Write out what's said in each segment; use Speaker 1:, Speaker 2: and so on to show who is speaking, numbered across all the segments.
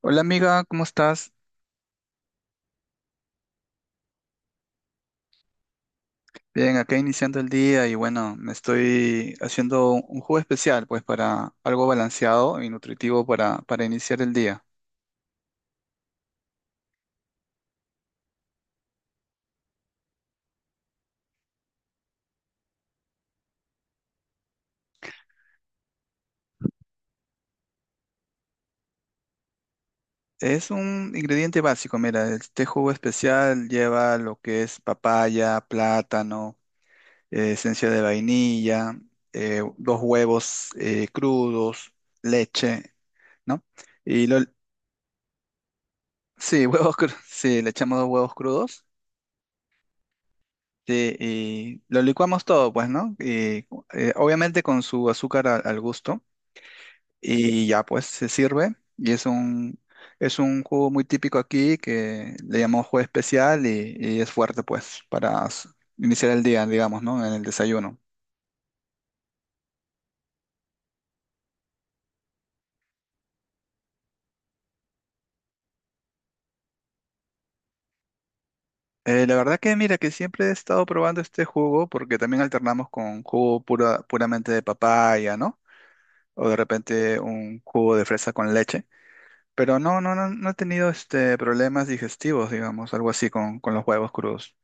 Speaker 1: Hola amiga, ¿cómo estás? Bien, acá iniciando el día y bueno, me estoy haciendo un jugo especial, pues para algo balanceado y nutritivo para iniciar el día. Es un ingrediente básico, mira, este jugo especial lleva lo que es papaya, plátano, esencia de vainilla, dos huevos crudos, leche, ¿no? Y lo, sí, huevos crudos, sí, le echamos dos huevos crudos. Sí, y lo licuamos todo, pues, ¿no? Y, obviamente con su azúcar al gusto y ya, pues, se sirve y es un jugo muy típico aquí que le llamamos jugo especial y es fuerte, pues, para iniciar el día, digamos, ¿no? En el desayuno. La verdad que, mira, que siempre he estado probando este jugo porque también alternamos con jugo puramente de papaya, ¿no? O de repente un jugo de fresa con leche. Pero no, no, no, no he tenido este problemas digestivos, digamos, algo así con los huevos crudos.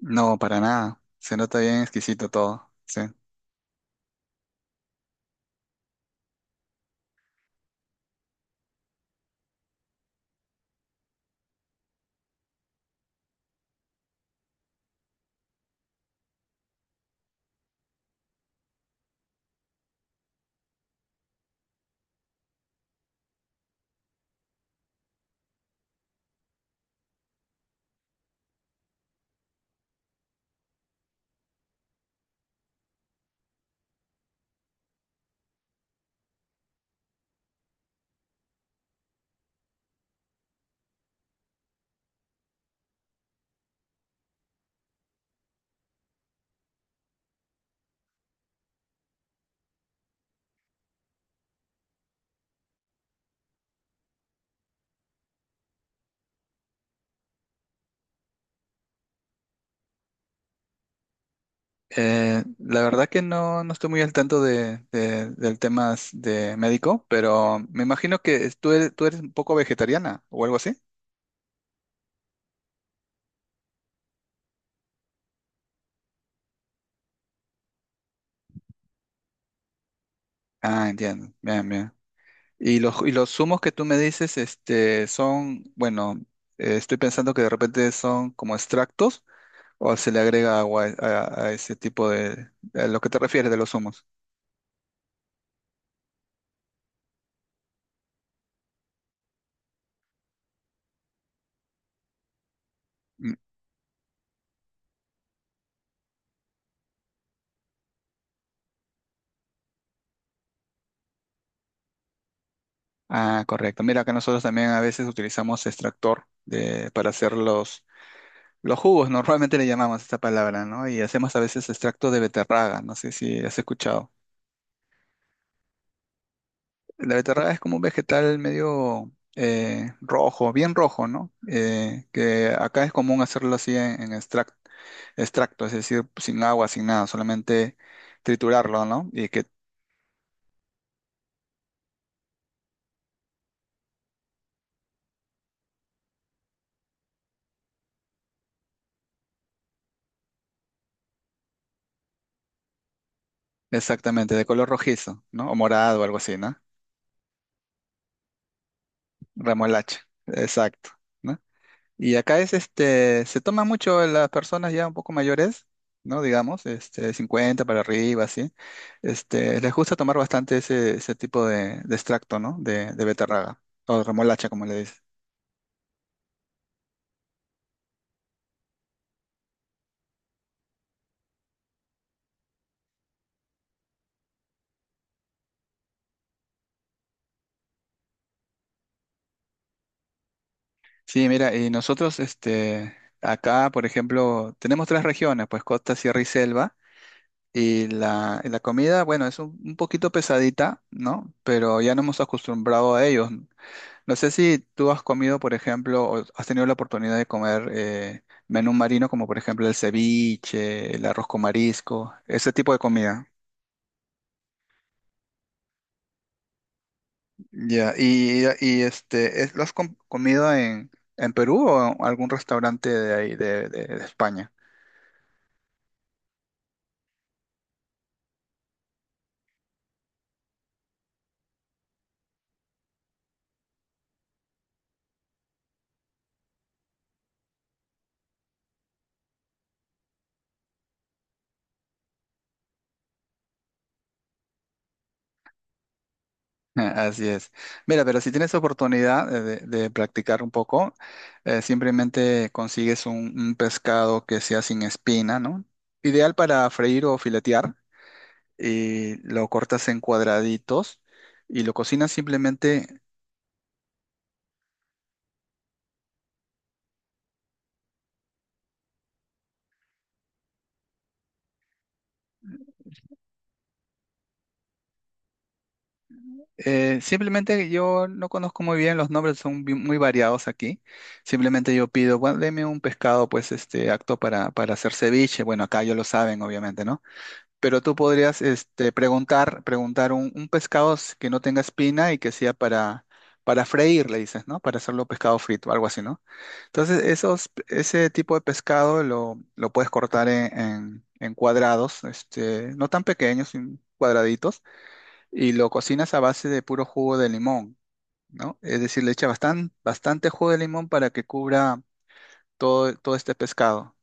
Speaker 1: No, para nada. Se nota bien exquisito todo. Sí. La verdad que no, no estoy muy al tanto del tema de médico, pero me imagino que tú eres un poco vegetariana o algo así. Ah, entiendo. Bien, bien. Y los zumos que tú me dices, este, son, bueno, estoy pensando que de repente son como extractos o se le agrega agua a ese tipo de, a lo que te refieres de los humos. Mm. Ah, correcto. Mira que nosotros también a veces utilizamos extractor de, para hacer los jugos, normalmente le llamamos esta palabra, ¿no? Y hacemos a veces extracto de beterraga, no sé si has escuchado. La beterraga es como un vegetal medio rojo, bien rojo, ¿no? Que acá es común hacerlo así en, en extracto, es decir, sin agua, sin nada, solamente triturarlo, ¿no? Y que exactamente, de color rojizo, ¿no? O morado o algo así, ¿no? Remolacha, exacto, ¿no? Y acá es este, se toma mucho en las personas ya un poco mayores, ¿no? Digamos, este, 50 para arriba, así. Este, les gusta tomar bastante ese tipo de extracto, ¿no? De beterraga, o remolacha, como le dicen. Sí, mira, y nosotros, este, acá, por ejemplo, tenemos tres regiones, pues costa, sierra y selva. Y la comida, bueno, es un poquito pesadita, ¿no? Pero ya no hemos acostumbrado a ellos. No sé si tú has comido, por ejemplo, o has tenido la oportunidad de comer menú marino, como por ejemplo el ceviche, el arroz con marisco, ese tipo de comida. Ya. Y este, lo has comido en Perú o en algún restaurante de ahí, de España? Así es. Mira, pero si tienes oportunidad de practicar un poco, simplemente consigues un pescado que sea sin espina, ¿no? Ideal para freír o filetear y lo cortas en cuadraditos y lo cocinas simplemente. Yo no conozco muy bien, los nombres son muy variados aquí. Simplemente yo pido, bueno, deme un pescado pues este acto para hacer ceviche. Bueno, acá ya lo saben, obviamente, ¿no? Pero tú podrías este, preguntar un pescado que no tenga espina y que sea para freír, le dices, ¿no? Para hacerlo pescado frito, algo así, ¿no? Entonces, ese tipo de pescado lo puedes cortar en, en cuadrados, este, no tan pequeños, sino cuadraditos, y lo cocinas a base de puro jugo de limón, ¿no? Es decir, le echas bastante, bastante jugo de limón para que cubra todo, todo este pescado.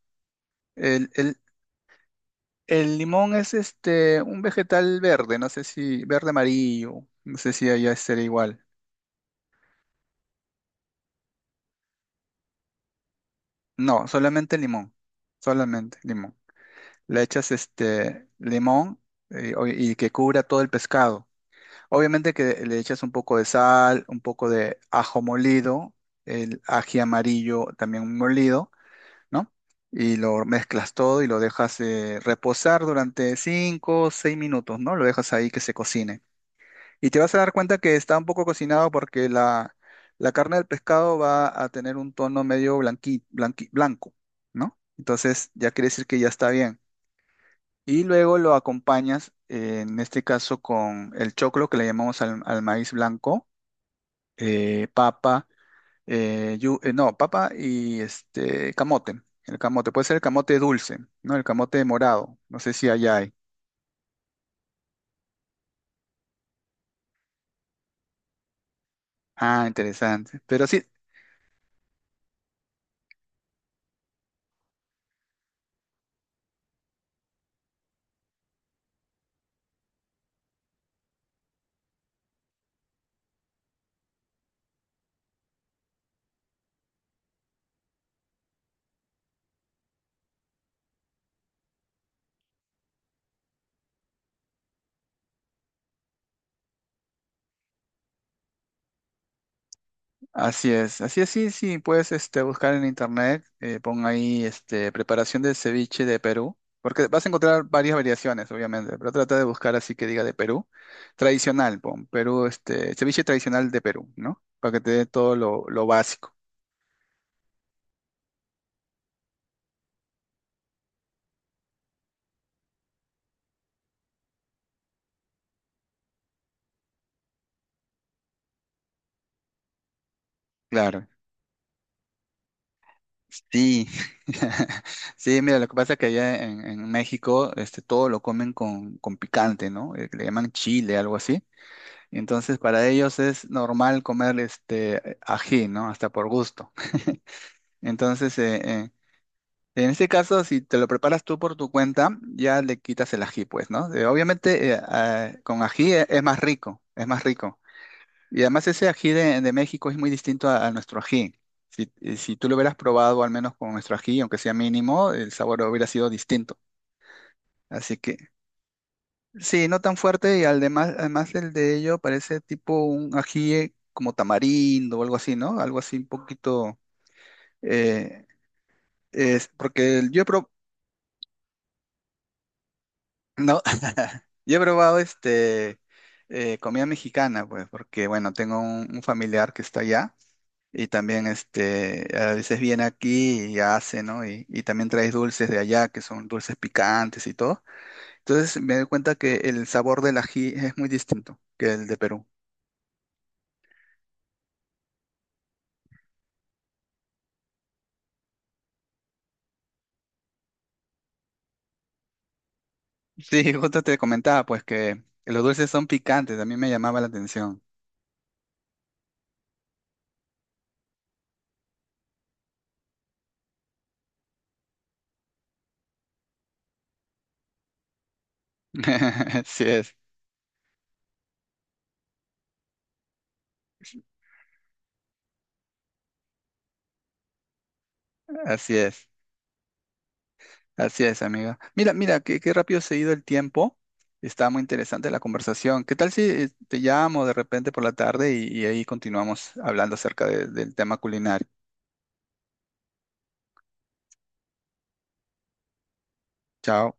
Speaker 1: El limón es este un vegetal verde, no sé si verde amarillo, no sé si allá será igual. No, solamente limón, solamente limón. Le echas este limón y que cubra todo el pescado. Obviamente que le echas un poco de sal, un poco de ajo molido, el ají amarillo también molido, ¿no? Y lo mezclas todo y lo dejas reposar durante 5, o 6 minutos, ¿no? Lo dejas ahí que se cocine. Y te vas a dar cuenta que está un poco cocinado porque la carne del pescado va a tener un tono medio blanco, ¿no? Entonces ya quiere decir que ya está bien. Y luego lo acompañas, en este caso, con el choclo que le llamamos al, al maíz blanco, papa, no, papa y este camote. El camote puede ser el camote dulce, ¿no? El camote morado. No sé si allá hay. Ah, interesante. Pero sí. Así es, sí, sí, puedes este, buscar en internet, pon ahí este, preparación de ceviche de Perú, porque vas a encontrar varias variaciones, obviamente, pero trata de buscar así que diga de Perú, tradicional, pon Perú, este, ceviche tradicional de Perú, ¿no? Para que te dé todo lo básico, claro. Sí, sí, mira, lo que pasa es que allá en México este, todo lo comen con picante, ¿no? Que le llaman chile, algo así. Entonces, para ellos es normal comer este ají, ¿no? Hasta por gusto. Entonces, en este caso, si te lo preparas tú por tu cuenta, ya le quitas el ají, pues, ¿no? Obviamente, con ají es más rico, es más rico. Y además ese ají de México es muy distinto a nuestro ají. Si tú lo hubieras probado al menos con nuestro ají, aunque sea mínimo, el sabor hubiera sido distinto. Así que sí, no tan fuerte y además, además el de ello parece tipo un ají como tamarindo o algo así, ¿no? Algo así un poquito, eh, es porque yo he probado, no, yo he probado este, comida mexicana, pues, porque bueno, tengo un familiar que está allá y también este, a veces viene aquí y hace, ¿no? Y también traes dulces de allá que son dulces picantes y todo. Entonces me doy cuenta que el sabor del ají es muy distinto que el de Perú. Sí, justo te comentaba pues que los dulces son picantes, a mí me llamaba la atención. Así es, así es, así es, amiga. Mira, mira, qué, qué rápido se ha ido el tiempo. Está muy interesante la conversación. ¿Qué tal si te llamo de repente por la tarde y ahí continuamos hablando acerca del tema culinario? Chao.